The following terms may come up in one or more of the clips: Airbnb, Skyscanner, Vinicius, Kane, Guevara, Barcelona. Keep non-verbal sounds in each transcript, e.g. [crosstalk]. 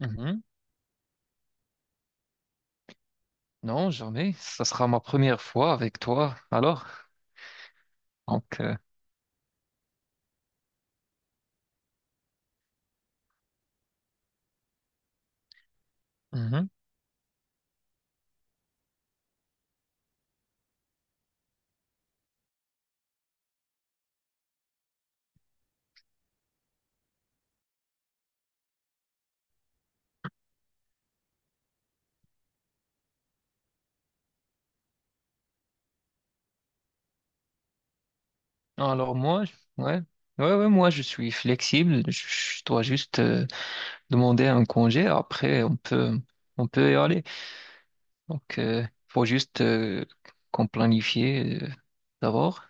Mhm. Non, jamais. Ça sera ma première fois avec toi. Alors, donc, mhm. Alors moi, ouais, ouais, ouais, moi je suis flexible. Je dois juste demander un congé. Après, on peut y aller. Donc, faut juste qu'on planifie d'abord.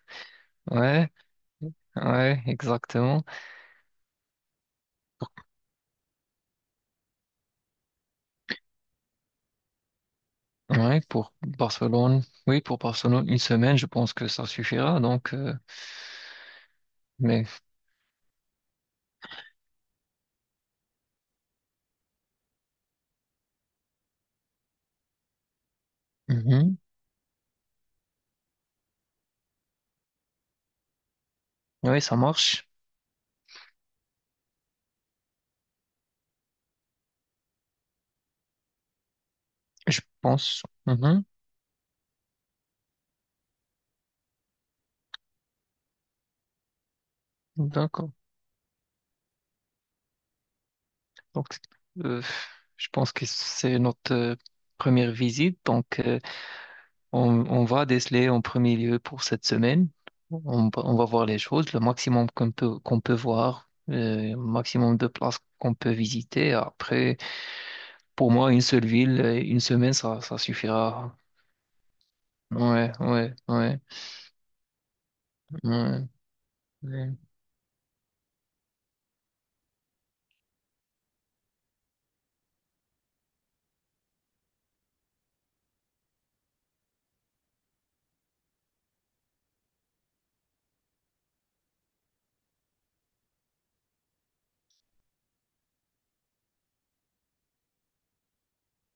Ouais, ouais, exactement. Ouais, pour Barcelone. Oui, pour Barcelone, une semaine, je pense que ça suffira. Donc, mais, mhm. Ouais, ça marche. Je pense. Mhm. D'accord. Donc, euh, je pense que c'est notre première visite. Donc, on va déceler en premier lieu pour cette semaine. On va voir les choses, le maximum qu'on peut voir, le maximum de places qu'on peut visiter. Après, pour moi, une seule ville, une semaine, ça suffira. Ouais, ouais, ouais, ouais. Ouais.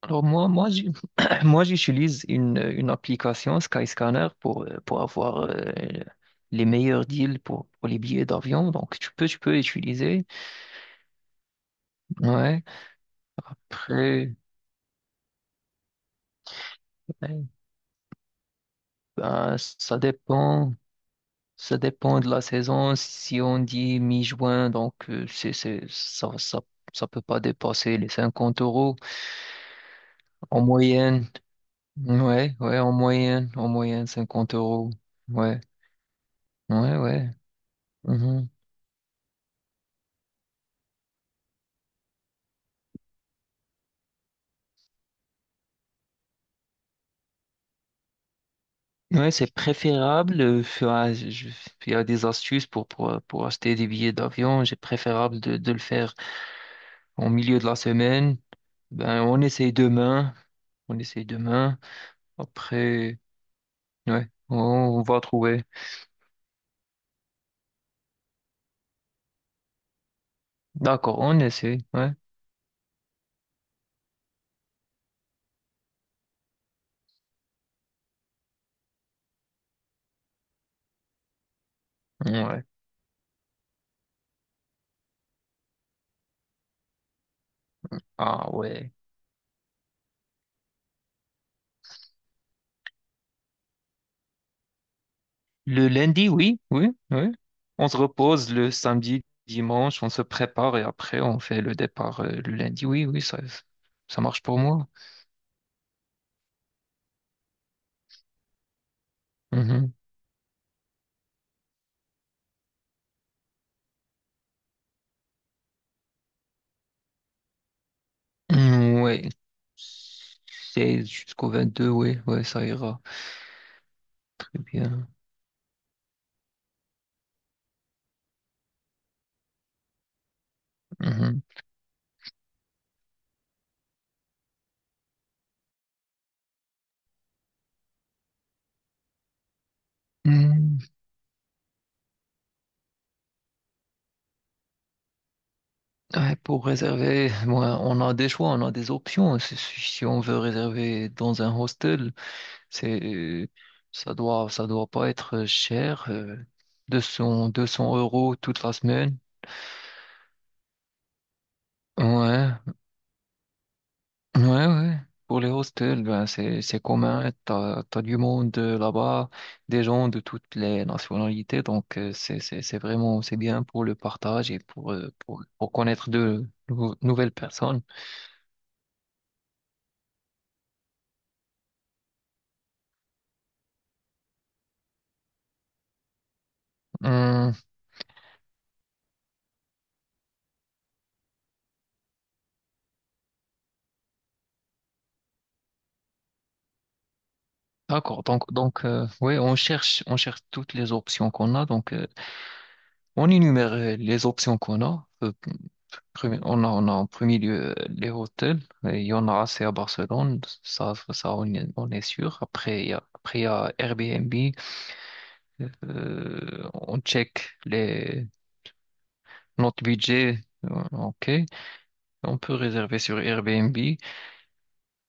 Alors moi, [clears throat] moi j'utilise une application Skyscanner pour avoir les meilleurs deals pour les billets d'avion. Donc tu peux utiliser. Ouais. Après, ouais, ben, ça dépend. Ça dépend de la saison. Si on dit mi-juin, donc ça peut pas dépasser les 50 € en moyenne. Ouais, ouais, en moyenne 50 euros. Ouais, ouais, ouais. Mhm. Ouais, c'est préférable. Enfin, il y a des astuces pour acheter des billets d'avion. C'est préférable de le faire en milieu de la semaine. Ben, on essaye demain. On essaye demain. Après, ouais, on va trouver. D'accord, on essaye. Ouais, ouais. Ah ouais. Le lundi, oui, oui, oui. On se repose le samedi, dimanche, on se prépare et après on fait le départ le lundi. Oui, oui, ça marche pour moi. Mhm. Hmm, ouais, 16 jusqu'au 22, ouais, ouais, ça ira très bien. Mhm. Hmm, ouais, pour réserver, bon, on a des choix, on a des options. Si on veut réserver dans un hostel, c'est, ça doit pas être cher. 200 € toute la semaine. Ouais, Ouais, ouais. Pour les hostels, ben c'est commun. T'as du monde là-bas, des gens de toutes les nationalités. Donc c'est vraiment c'est bien pour le partage et pour connaître de nouvelles personnes. Hum, d'accord. Donc ouais, on cherche toutes les options qu'on a. Donc on énumère les options qu'on a. On a en premier lieu les hôtels. Et il y en a assez à Barcelone, ça on est sûr. Après, il y a Airbnb. On check notre budget. Ok, on peut réserver sur Airbnb.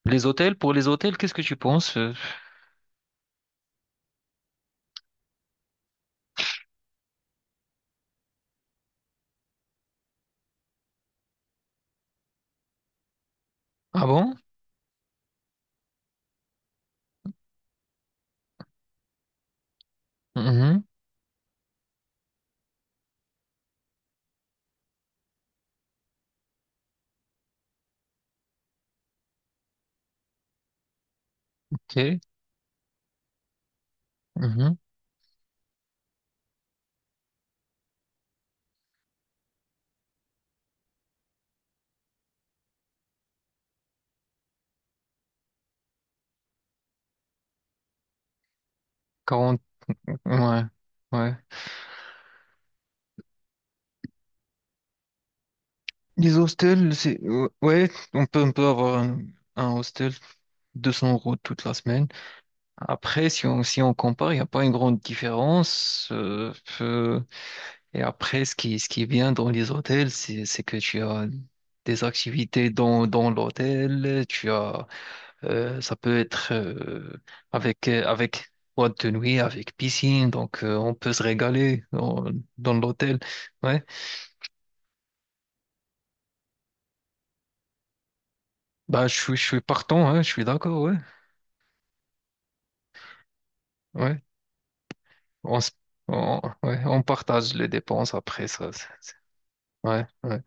Les hôtels, pour les hôtels, qu'est-ce que tu penses? Ah bon? Mhm. Ok. Mhm. 40. Ouais. Ouais. Les hostels, c'est. Ouais, on peut avoir un hostel 200 € toute la semaine. Après, si on compare, il n'y a pas une grande différence. Euh, et après, ce qui est bien dans les hôtels, c'est que tu as des activités dans l'hôtel. Ça peut être avec boîte de nuit, avec piscine. Donc, on peut se régaler dans l'hôtel. Ouais. Bah, je suis partant, hein, je suis d'accord. Ouais. Ouais. On, se- ouais, on partage les dépenses après ça. Ouais. Ouais.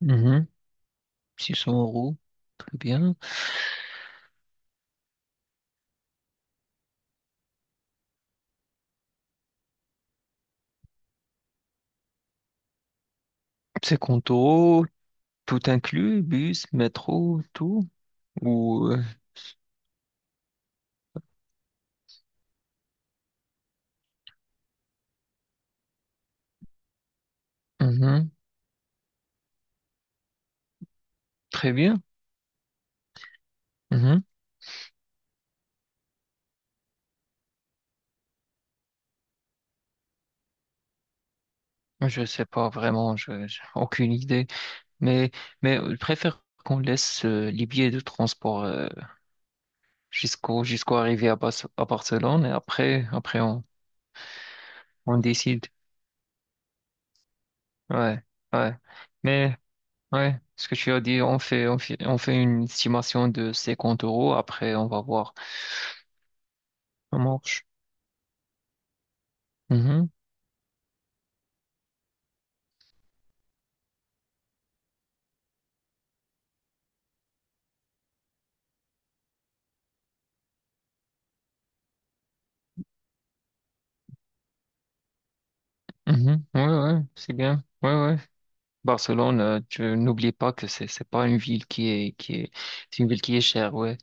Mhm. 600 euros. Bien. C'est compto, tout inclus, bus, métro, tout. Ou, mhm, très bien. Mhm. Je sais pas vraiment, je j'ai aucune idée. Mais mais je préfère qu'on laisse les billets de transport jusqu'au arrivée à Barcelone et après on décide. Ouais, ouais. Mais ouais, ce que tu as dit, on fait une estimation de 50 euros. Après on va voir. Ça marche. Mhm. Mhm. Ouais, ouais, c'est bien. Ouais, ouais. Barcelone, tu n'oublie pas que c'est pas une ville qui est, c'est une ville qui est chère, ouais.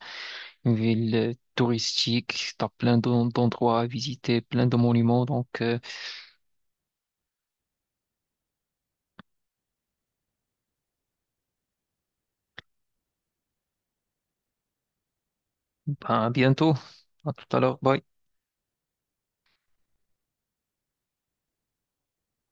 Une ville touristique, t'as plein d'endroits à visiter, plein de monuments, donc ben, à bientôt. À tout à l'heure. Bye.